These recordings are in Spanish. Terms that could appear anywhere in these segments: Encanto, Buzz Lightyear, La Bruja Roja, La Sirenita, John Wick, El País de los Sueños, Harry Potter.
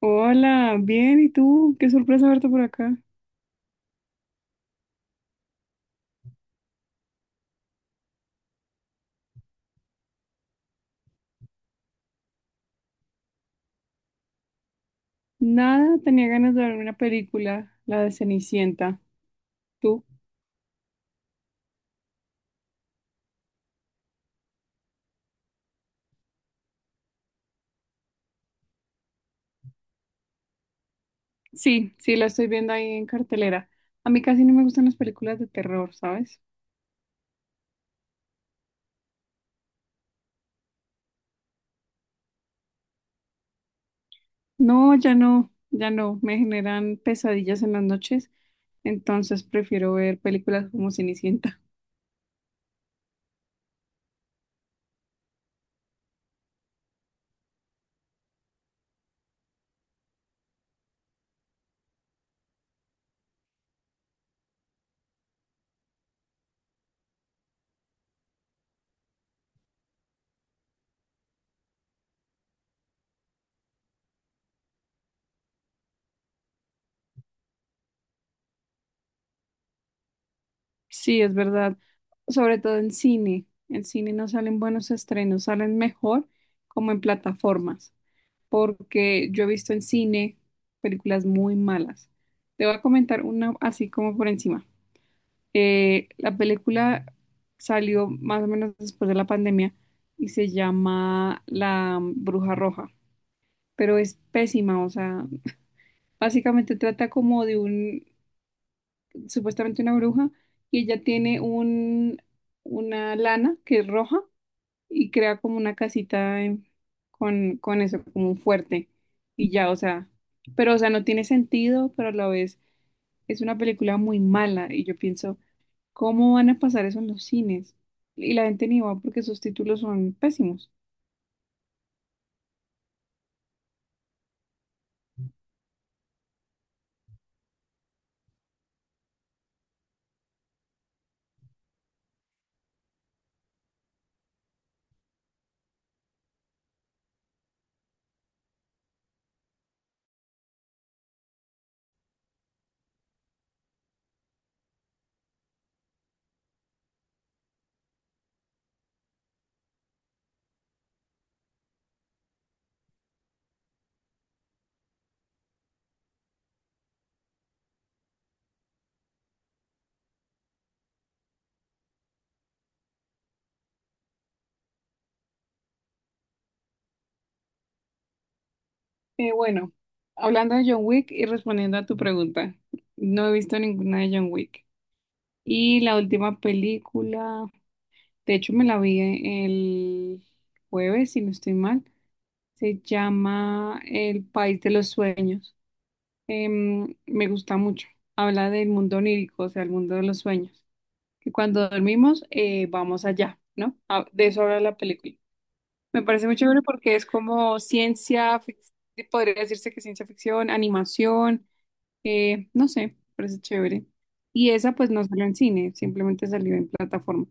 Hola, bien, ¿y tú? Qué sorpresa verte por acá. Nada, tenía ganas de ver una película, la de Cenicienta. ¿Tú? Sí, sí, la estoy viendo ahí en cartelera. A mí casi no me gustan las películas de terror, ¿sabes? No, ya no, ya no, me generan pesadillas en las noches, entonces prefiero ver películas como Cenicienta. Sí, es verdad, sobre todo en cine. En cine no salen buenos estrenos, salen mejor como en plataformas. Porque yo he visto en cine películas muy malas. Te voy a comentar una así como por encima. La película salió más o menos después de la pandemia y se llama La Bruja Roja, pero es pésima. O sea, básicamente trata como de un, supuestamente una bruja y ella tiene un, una lana que es roja y crea como una casita con eso, como un fuerte. Y ya, o sea, pero o sea, no tiene sentido, pero a la vez es una película muy mala y yo pienso, ¿cómo van a pasar eso en los cines? Y la gente ni va porque sus títulos son pésimos. Bueno, hablando de John Wick y respondiendo a tu pregunta, no he visto ninguna de John Wick. Y la última película, de hecho me la vi el jueves, si no estoy mal. Se llama El País de los Sueños. Me gusta mucho. Habla del mundo onírico, o sea, el mundo de los sueños. Que cuando dormimos, vamos allá, ¿no? Ah, de eso habla la película. Me parece muy chévere porque es como podría decirse que ciencia ficción, animación, no sé, parece chévere. Y esa pues no salió en cine, simplemente salió en plataforma.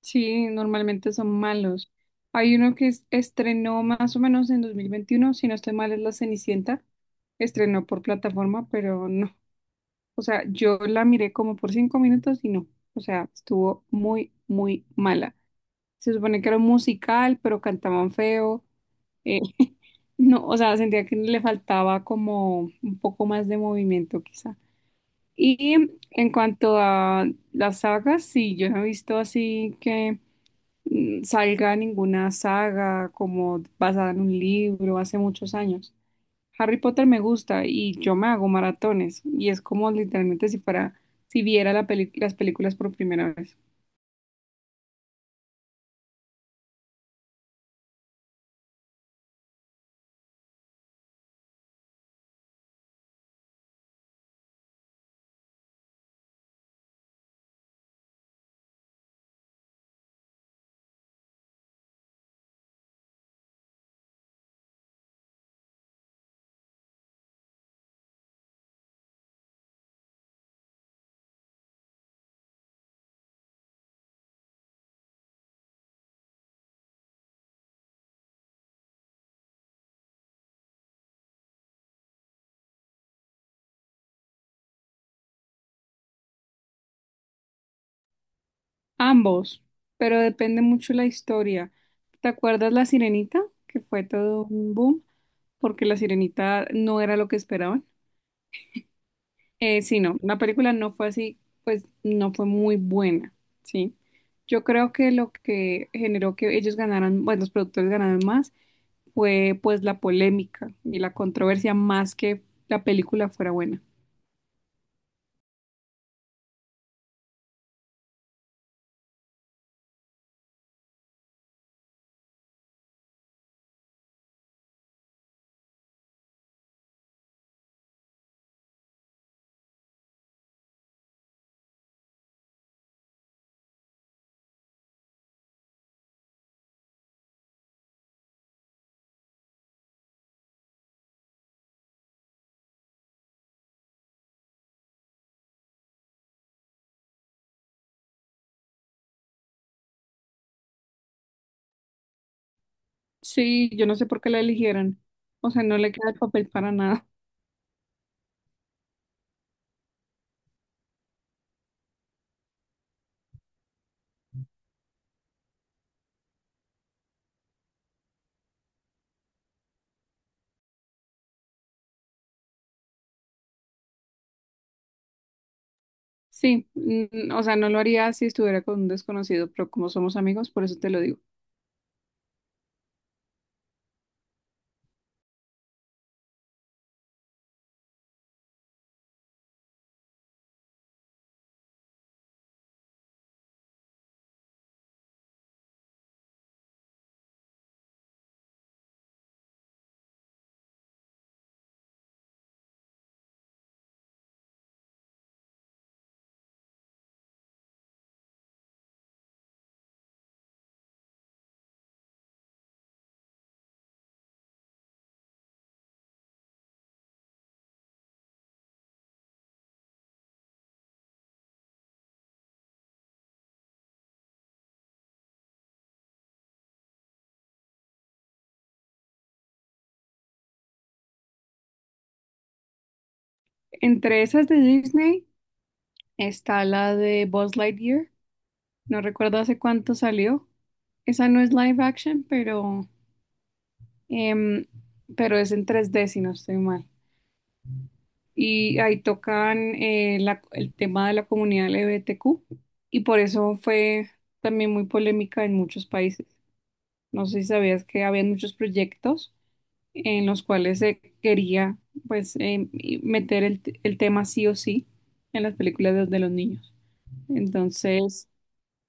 Sí, normalmente son malos. Hay uno estrenó más o menos en 2021, si no estoy mal, es La Cenicienta. Estrenó por plataforma, pero no. O sea, yo la miré como por 5 minutos y no. O sea, estuvo muy, muy mala. Se supone que era un musical, pero cantaban feo. Eh, no, o sea, sentía que le faltaba como un poco más de movimiento, quizá. Y en cuanto a las sagas, sí, yo no he visto así que salga ninguna saga como basada en un libro hace muchos años. Harry Potter me gusta y yo me hago maratones y es como literalmente si fuera, si viera las películas por primera vez. Ambos, pero depende mucho la historia. ¿Te acuerdas La Sirenita? Que fue todo un boom porque La Sirenita no era lo que esperaban. Sí, no, la película no fue así, pues no fue muy buena, ¿sí? Yo creo que lo que generó que ellos ganaran, bueno, los productores ganaron más, fue pues la polémica y la controversia más que la película fuera buena. Sí, yo no sé por qué la eligieron, o sea, no le queda el papel para nada. Sí, mm, o sea, no lo haría si estuviera con un desconocido, pero como somos amigos, por eso te lo digo. Entre esas de Disney está la de Buzz Lightyear, no recuerdo hace cuánto salió. Esa no es live action, pero, em, pero es en 3D si no estoy mal. Y ahí tocan el tema de la comunidad LGBTQ y por eso fue también muy polémica en muchos países. No sé si sabías que había muchos proyectos en los cuales se quería pues y meter el tema sí o sí en las películas de los niños. Entonces,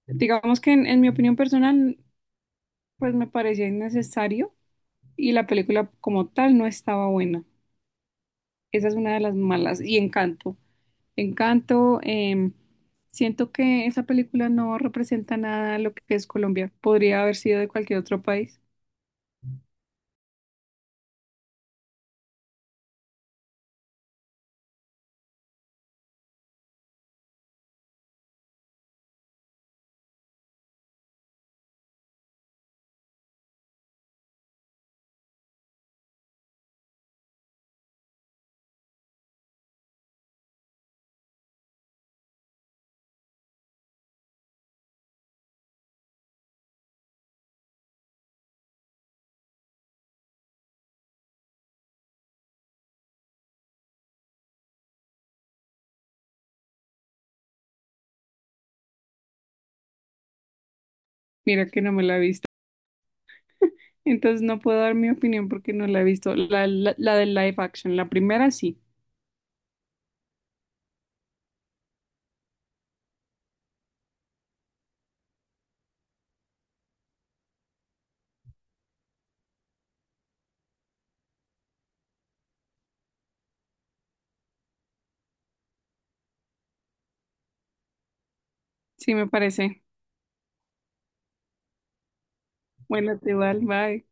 digamos que en mi opinión personal, pues me parecía innecesario y la película como tal no estaba buena. Esa es una de las malas. Y Encanto. Encanto, siento que esa película no representa nada lo que es Colombia. Podría haber sido de cualquier otro país. Mira que no me la he visto. Entonces no puedo dar mi opinión porque no la he visto. La del live action, la primera sí. Sí me parece. Bueno, te va, bye.